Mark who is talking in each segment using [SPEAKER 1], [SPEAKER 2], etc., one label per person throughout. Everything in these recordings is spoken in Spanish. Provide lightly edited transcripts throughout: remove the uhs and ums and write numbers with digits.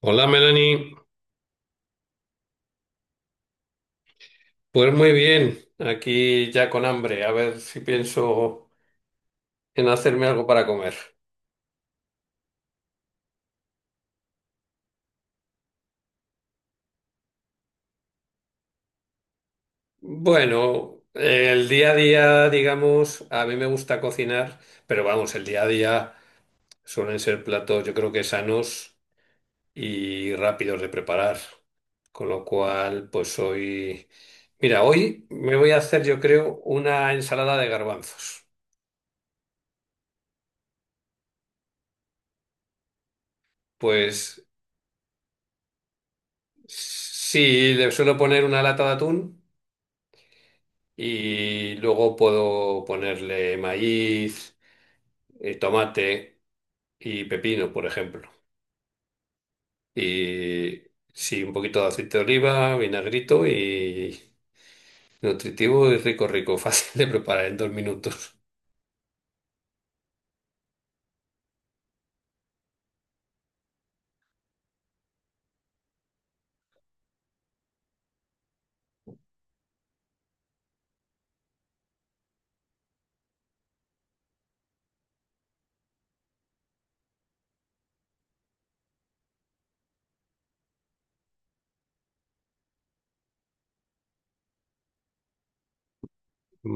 [SPEAKER 1] Hola Melanie, pues muy bien, aquí ya con hambre, a ver si pienso en hacerme algo para comer. Bueno, el día a día, digamos, a mí me gusta cocinar, pero vamos, el día a día suelen ser platos yo creo que sanos y rápidos de preparar, con lo cual pues hoy, mira, hoy me voy a hacer yo creo una ensalada de garbanzos. Pues sí, le suelo poner una lata de atún. Y luego puedo ponerle maíz, tomate y pepino, por ejemplo. Y sí, un poquito de aceite de oliva, vinagrito y nutritivo y rico, rico, fácil de preparar en 2 minutos.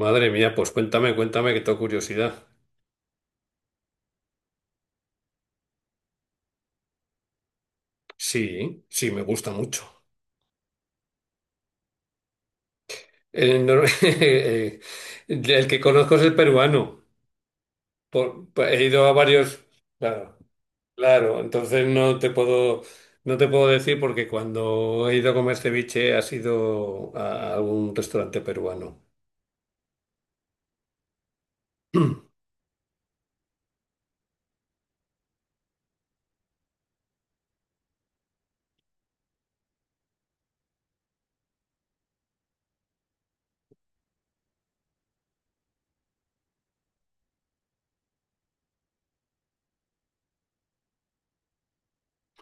[SPEAKER 1] Madre mía, pues cuéntame, cuéntame que tengo curiosidad. Sí, sí, me gusta mucho. El, nor- eh, el que conozco es el peruano. He ido a varios, claro. Claro, entonces no te puedo decir porque cuando he ido a comer ceviche ha sido a algún restaurante peruano.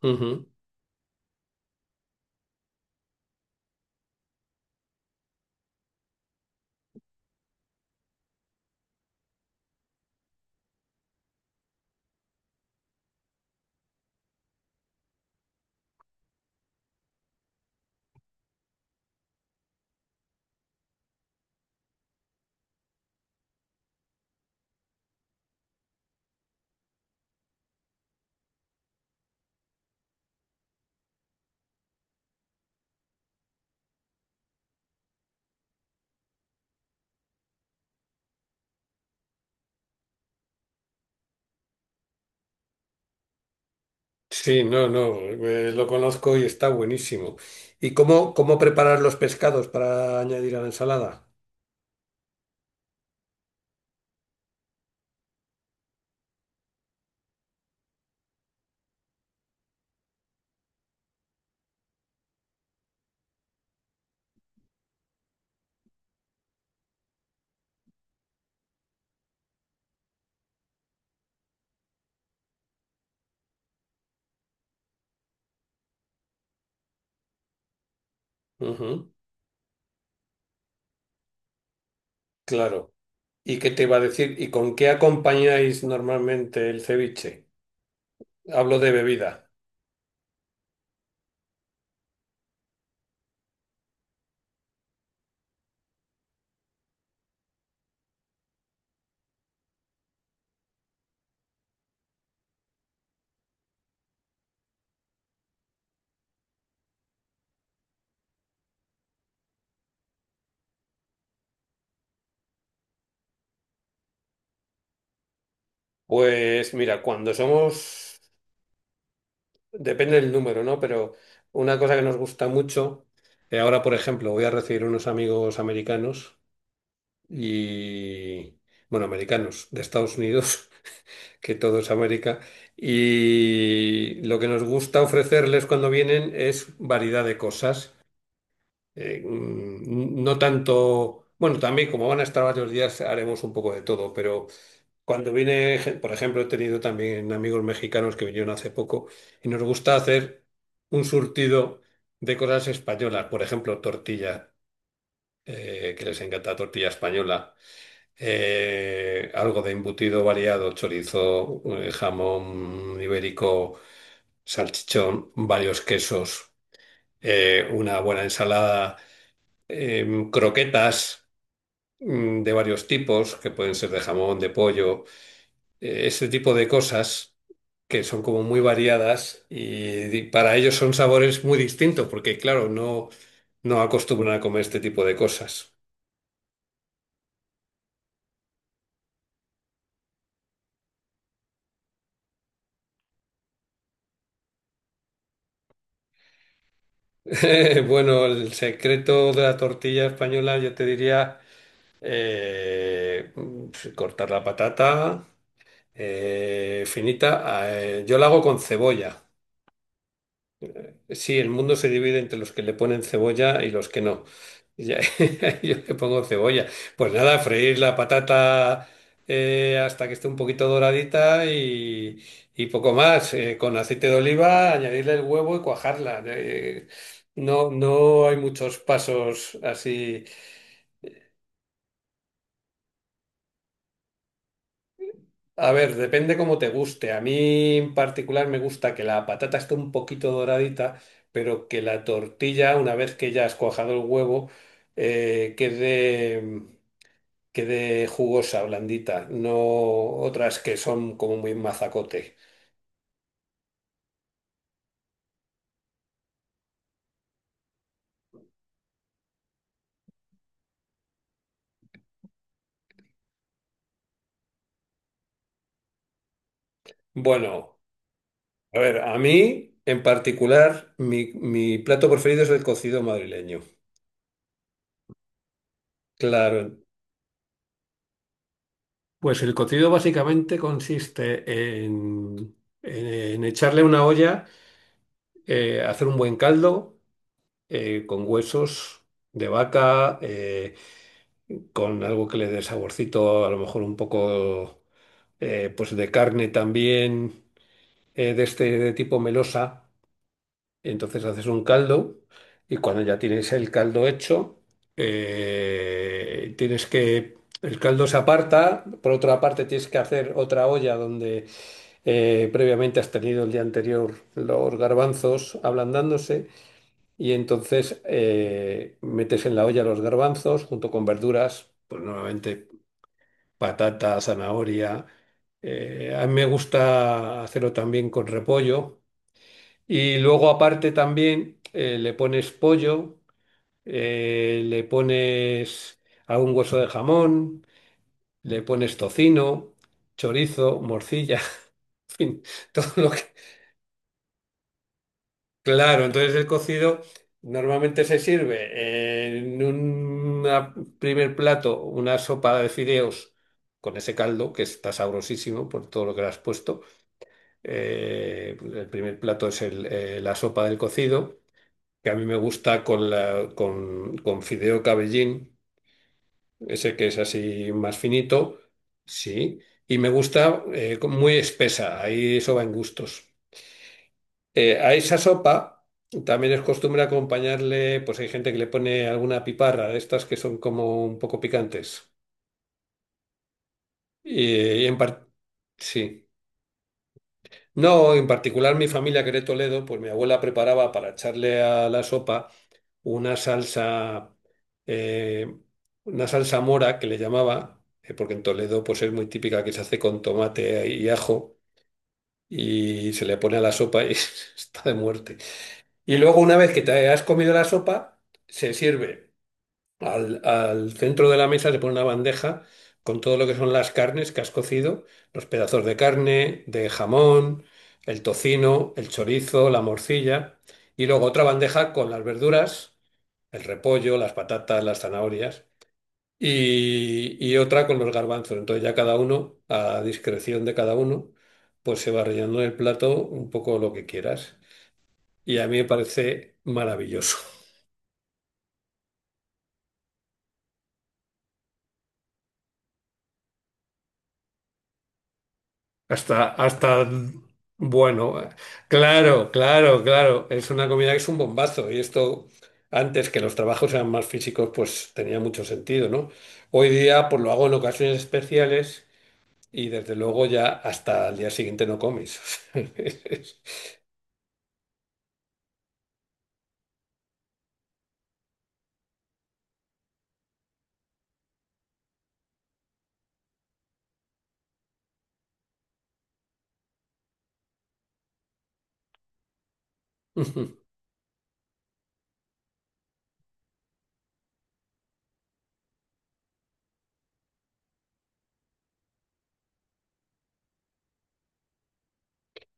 [SPEAKER 1] Ujú. Sí, no, lo conozco y está buenísimo. ¿Y cómo, cómo preparar los pescados para añadir a la ensalada? Ujú, claro. ¿Y qué te iba a decir? ¿Y con qué acompañáis normalmente el ceviche? Hablo de bebida. Pues mira, cuando somos, depende del número, ¿no? Pero una cosa que nos gusta mucho, ahora por ejemplo voy a recibir unos amigos americanos y, bueno, americanos de Estados Unidos, que todo es América, y lo que nos gusta ofrecerles cuando vienen es variedad de cosas. No tanto, bueno, también como van a estar varios días haremos un poco de todo, pero cuando viene, por ejemplo, he tenido también amigos mexicanos que vinieron hace poco y nos gusta hacer un surtido de cosas españolas, por ejemplo, tortilla, que les encanta tortilla española, algo de embutido variado, chorizo, jamón ibérico, salchichón, varios quesos, una buena ensalada croquetas de varios tipos, que pueden ser de jamón, de pollo, ese tipo de cosas que son como muy variadas y para ellos son sabores muy distintos, porque claro, no acostumbran a comer este tipo de cosas. Bueno, el secreto de la tortilla española yo te diría cortar la patata finita. Yo la hago con cebolla. Sí, el mundo se divide entre los que le ponen cebolla y los que no. Ya- Yo le pongo cebolla. Pues nada, freír la patata hasta que esté un poquito doradita y poco más. Con aceite de oliva, añadirle el huevo y cuajarla. No, no hay muchos pasos así. A ver, depende cómo te guste. A mí en particular me gusta que la patata esté un poquito doradita, pero que la tortilla, una vez que ya has cuajado el huevo, quede, quede jugosa, blandita, no otras que son como muy mazacote. Bueno, a ver, a mí en particular mi plato preferido es el cocido madrileño. Claro. Pues el cocido básicamente consiste en, en en echarle una olla. Hacer un buen caldo con huesos de vaca, con algo que le dé saborcito, a lo mejor un poco pues de carne también, de este de tipo melosa. Entonces haces un caldo y cuando ya tienes el caldo hecho, tienes que... El caldo se aparta, por otra parte tienes que hacer otra olla donde previamente has tenido el día anterior los garbanzos ablandándose. Y entonces metes en la olla los garbanzos junto con verduras, pues normalmente patata, zanahoria. A mí me gusta hacerlo también con repollo. Y luego aparte también le pones pollo, le pones algún hueso de jamón, le pones tocino, chorizo, morcilla, en fin, todo lo que... Claro, entonces el cocido normalmente se sirve en un primer plato una sopa de fideos con ese caldo que está sabrosísimo por todo lo que le has puesto. El primer plato es la sopa del cocido, que a mí me gusta con fideo cabellín, ese que es así más finito, sí, y me gusta muy espesa, ahí eso va en gustos. A esa sopa también es costumbre acompañarle, pues hay gente que le pone alguna piparra de estas que son como un poco picantes. Y en par- sí. No, en particular mi familia que era de Toledo, pues mi abuela preparaba para echarle a la sopa una salsa, eh, una salsa mora que le llamaba, porque en Toledo pues es muy típica que se hace con tomate y ajo y se le pone a la sopa y está de muerte. Y luego, una vez que te has comido la sopa, se sirve al centro de la mesa, se pone una bandeja con todo lo que son las carnes que has cocido, los pedazos de carne, de jamón, el tocino, el chorizo, la morcilla, y luego otra bandeja con las verduras, el repollo, las patatas, las zanahorias, y otra con los garbanzos. Entonces ya cada uno, a discreción de cada uno, pues se va rellenando en el plato un poco lo que quieras. Y a mí me parece maravilloso. Hasta, hasta, bueno, claro, claro, claro. Es una comida que es un bombazo. Y esto, antes que los trabajos eran más físicos, pues tenía mucho sentido, ¿no? Hoy día, pues lo hago en ocasiones especiales y desde luego ya hasta el día siguiente no comes.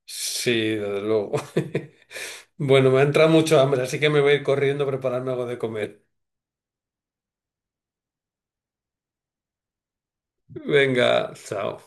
[SPEAKER 1] Sí, desde luego. Bueno, me ha entrado mucho hambre, así que me voy a ir corriendo a prepararme algo de comer. Venga, chao.